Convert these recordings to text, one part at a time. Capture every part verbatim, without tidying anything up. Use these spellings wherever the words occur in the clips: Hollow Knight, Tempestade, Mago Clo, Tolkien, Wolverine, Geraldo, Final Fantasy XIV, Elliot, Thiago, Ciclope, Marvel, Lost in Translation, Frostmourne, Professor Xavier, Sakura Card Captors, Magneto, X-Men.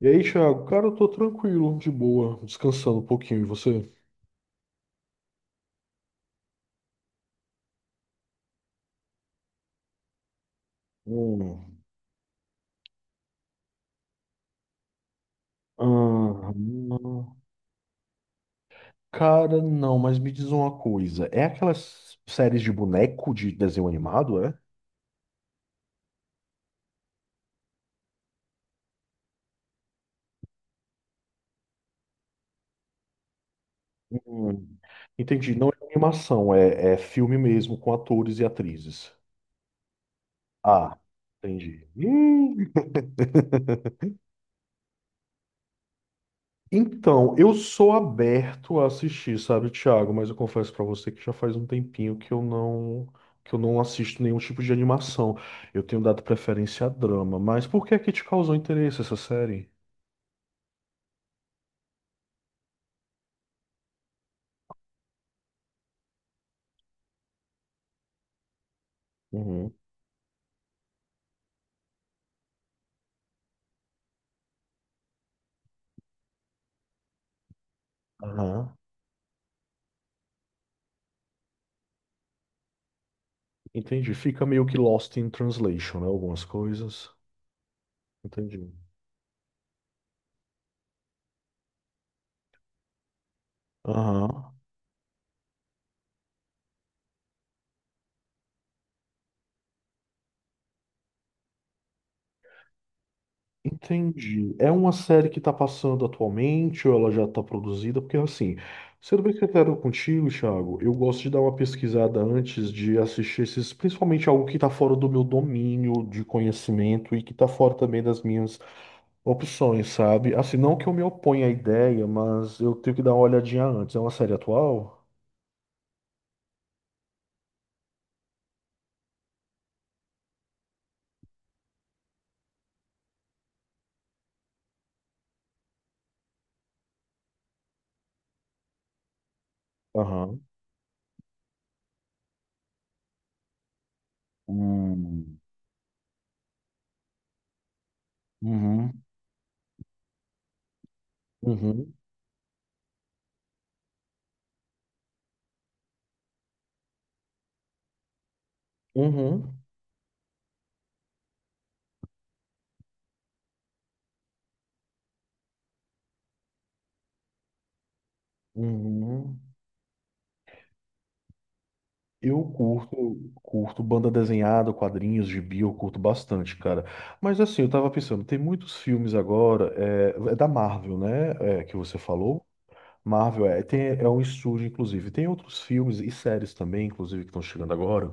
E aí, Thiago? Cara, eu tô tranquilo, de boa, descansando um pouquinho. E você? Hum. Ah, não. Cara, não, mas me diz uma coisa. É aquelas séries de boneco de desenho animado, é? Hum. Entendi, não é animação, é, é filme mesmo, com atores e atrizes. Ah, entendi. Então, eu sou aberto a assistir, sabe, Thiago? Mas eu confesso pra você que já faz um tempinho que eu não que eu não assisto nenhum tipo de animação. Eu tenho dado preferência a drama, mas por que é que te causou interesse essa série? Uhum. Aham, entendi. Fica meio que Lost in Translation, né? Algumas coisas. Entendi. Aham. Entendi. É uma série que está passando atualmente ou ela já está produzida? Porque assim, sendo bem sincero contigo, Thiago, eu gosto de dar uma pesquisada antes de assistir esses, principalmente algo que está fora do meu domínio de conhecimento e que está fora também das minhas opções, sabe? Assim, não que eu me oponha à ideia, mas eu tenho que dar uma olhadinha antes. É uma série atual? Aham. Hum, uhum. Uhum. Uhum. Uhum. Eu curto, curto banda desenhada, quadrinhos, gibi, eu curto bastante, cara. Mas assim, eu tava pensando, tem muitos filmes agora, é, é da Marvel, né? É, que você falou. Marvel é, tem, é um estúdio, inclusive. Tem outros filmes e séries também, inclusive, que estão chegando agora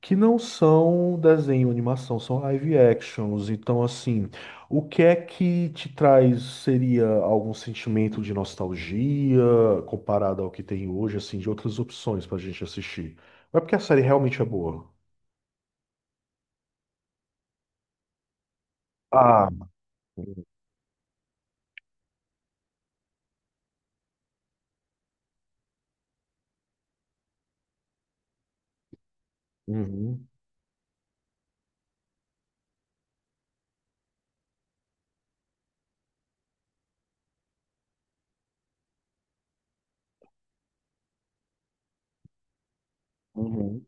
que não são desenho, animação, são live actions. Então, assim, o que é que te traz seria algum sentimento de nostalgia comparado ao que tem hoje, assim, de outras opções pra gente assistir? Ou é porque a série realmente é boa? Ah, uhum, uhum.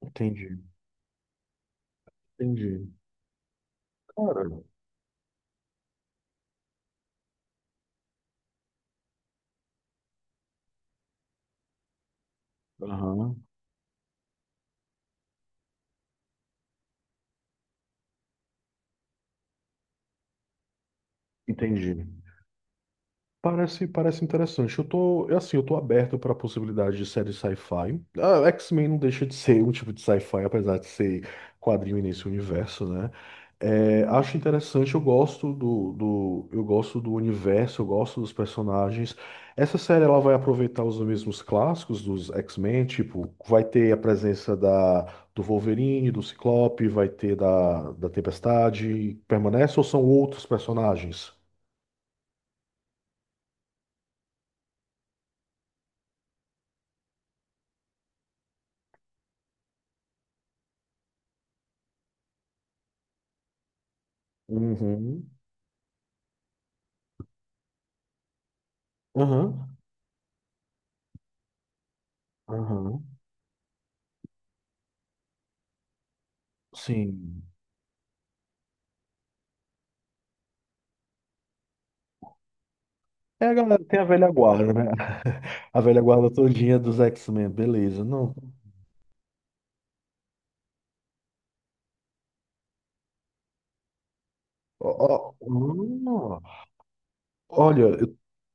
Entendi, entendi. Cara, aham, entendi. Parece, parece interessante. Eu tô, eu, assim, eu tô aberto para a possibilidade de série sci-fi. Ah, X-Men não deixa de ser um tipo de sci-fi, apesar de ser quadrinho e nesse universo, né? É, acho interessante, eu gosto do, do, eu gosto do universo, eu gosto dos personagens. Essa série ela vai aproveitar os mesmos clássicos dos X-Men, tipo, vai ter a presença da, do Wolverine, do Ciclope, vai ter da, da Tempestade. Permanece ou são outros personagens? Uhum. Aham. Aham. Sim. É, a galera tem a velha guarda, né? A velha guarda todinha dos X-Men, beleza. Não. Ó, ó, hum. Olha, eu,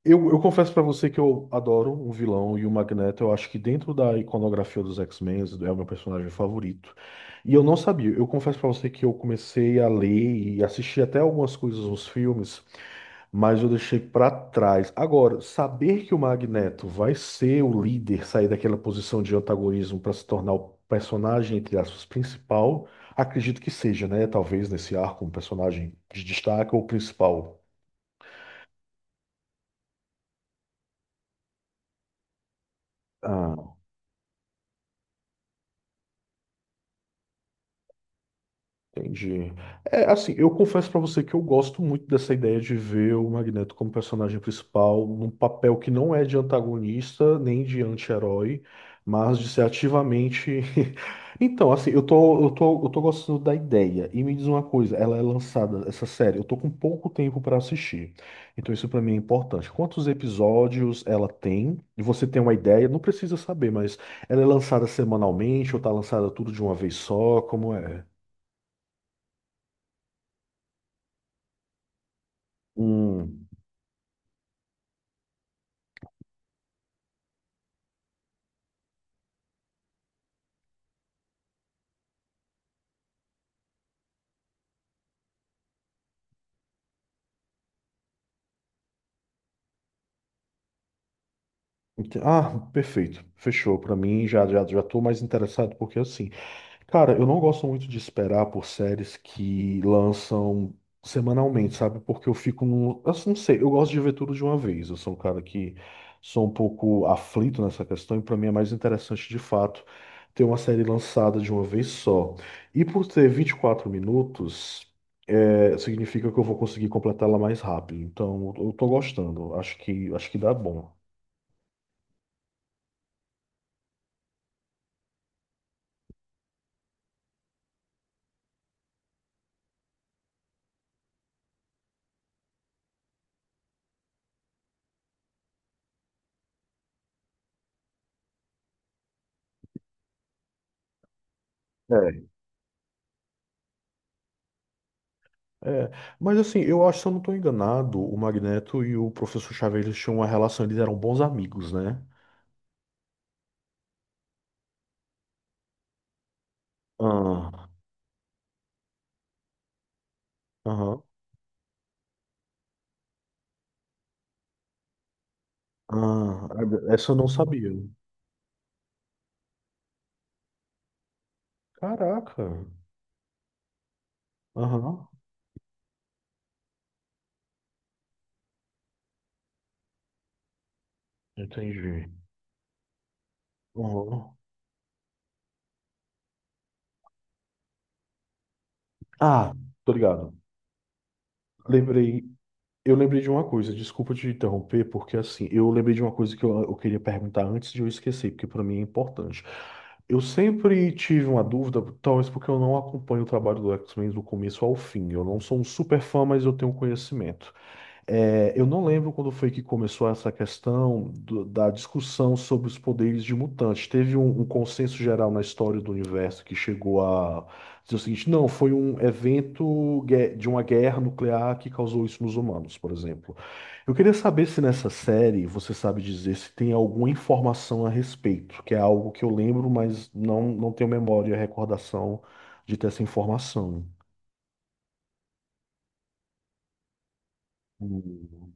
eu eu confesso pra você que eu adoro o vilão e o Magneto. Eu acho que dentro da iconografia dos X-Men é o meu personagem favorito. E eu não sabia. Eu confesso pra você que eu comecei a ler e assistir até algumas coisas nos filmes, mas eu deixei para trás. Agora, saber que o Magneto vai ser o líder, sair daquela posição de antagonismo para se tornar o personagem, entre aspas, principal, acredito que seja, né? Talvez nesse arco, um personagem de destaque ou principal. Entendi. É, assim, eu confesso pra você que eu gosto muito dessa ideia de ver o Magneto como personagem principal, num papel que não é de antagonista nem de anti-herói, mas de ser ativamente. Então, assim, eu tô, eu tô, eu tô gostando da ideia. E me diz uma coisa, ela é lançada, essa série, eu tô com pouco tempo pra assistir. Então, isso pra mim é importante. Quantos episódios ela tem? E você tem uma ideia? Não precisa saber, mas ela é lançada semanalmente ou tá lançada tudo de uma vez só? Como é? Hum, ente- ah, perfeito. Fechou. Pra mim já já já tô mais interessado porque assim, cara, eu não gosto muito de esperar por séries que lançam semanalmente, sabe? Porque eu fico num, assim, não sei, eu gosto de ver tudo de uma vez. Eu sou um cara que sou um pouco aflito nessa questão e pra mim é mais interessante de fato ter uma série lançada de uma vez só. E por ter vinte e quatro minutos, é, significa que eu vou conseguir completá-la mais rápido. Então, eu tô gostando. Acho que acho que dá bom. É. É, mas assim, eu acho, se eu não estou enganado, o Magneto e o Professor Xavier eles tinham uma relação, eles eram bons amigos, né? Ah, aham, ah, essa eu não sabia. Caraca, aham, entendi. Aham. Ah, tô ligado. Lembrei, eu lembrei de uma coisa, desculpa te interromper, porque assim, eu lembrei de uma coisa que eu, eu queria perguntar antes de eu esquecer, porque para mim é importante. Eu sempre tive uma dúvida, talvez porque eu não acompanho o trabalho do X-Men do começo ao fim. Eu não sou um super fã, mas eu tenho um conhecimento. É, eu não lembro quando foi que começou essa questão do- da discussão sobre os poderes de mutantes. Teve um, um consenso geral na história do universo que chegou a dizer o seguinte: não, foi um evento gue- de uma guerra nuclear que causou isso nos humanos, por exemplo. Eu queria saber se nessa série você sabe dizer se tem alguma informação a respeito, que é algo que eu lembro, mas não, não tenho memória e recordação de ter essa informação. Hum,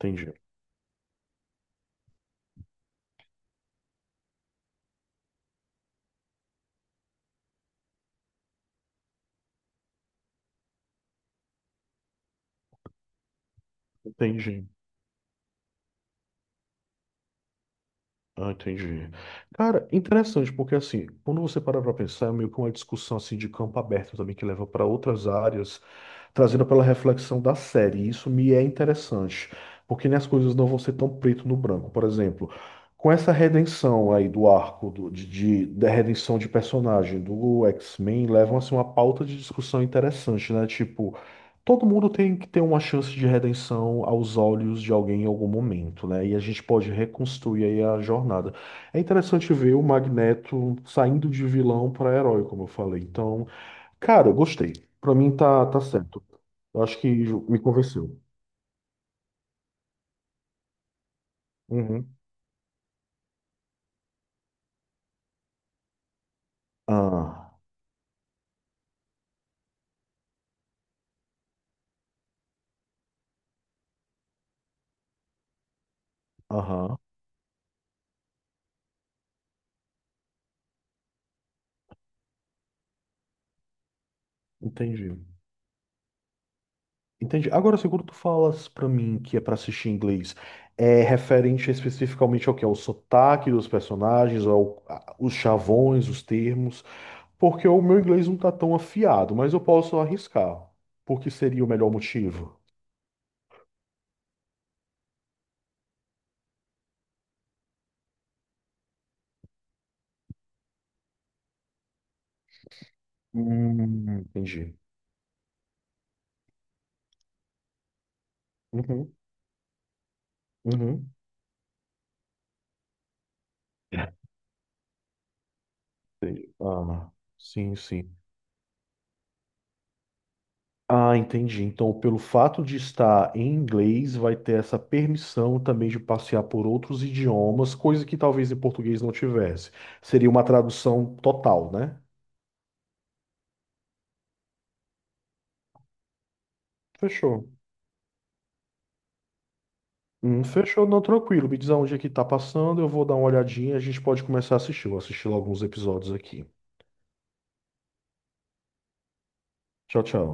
entendi. Entendi. Ah, entendi. Cara, interessante, porque assim, quando você para pra pensar, é meio que uma discussão assim de campo aberto também que leva para outras áreas, trazendo pela reflexão da série. E isso me é interessante, porque né, as coisas não vão ser tão preto no branco. Por exemplo, com essa redenção aí do arco do- de, de- da redenção de personagem do X-Men, levam assim uma pauta de discussão interessante, né? Tipo, todo mundo tem que ter uma chance de redenção aos olhos de alguém em algum momento, né? E a gente pode reconstruir aí a jornada. É interessante ver o Magneto saindo de vilão para herói, como eu falei. Então, cara, eu gostei. Pra mim tá, tá certo. Eu acho que me convenceu. Uhum. Ah, aham, entendi. Entendi. Agora, se quando tu falas pra mim que é pra assistir em inglês, é referente especificamente ao que? Ao sotaque dos personagens, ao, a- os chavões, os termos. Porque o meu inglês não está tão afiado, mas eu posso arriscar. Porque seria o melhor motivo. Hum, entendi. Uhum, uhum. Entendi. Ah, sim, sim. Ah, entendi. Então, pelo fato de estar em inglês, vai ter essa permissão também de passear por outros idiomas, coisa que talvez em português não tivesse. Seria uma tradução total, né? Fechou. Hum, fechou, não, tranquilo. Me diz aonde é que tá passando, eu vou dar uma olhadinha e a gente pode começar a assistir. Eu vou assistir alguns episódios aqui. Tchau, tchau.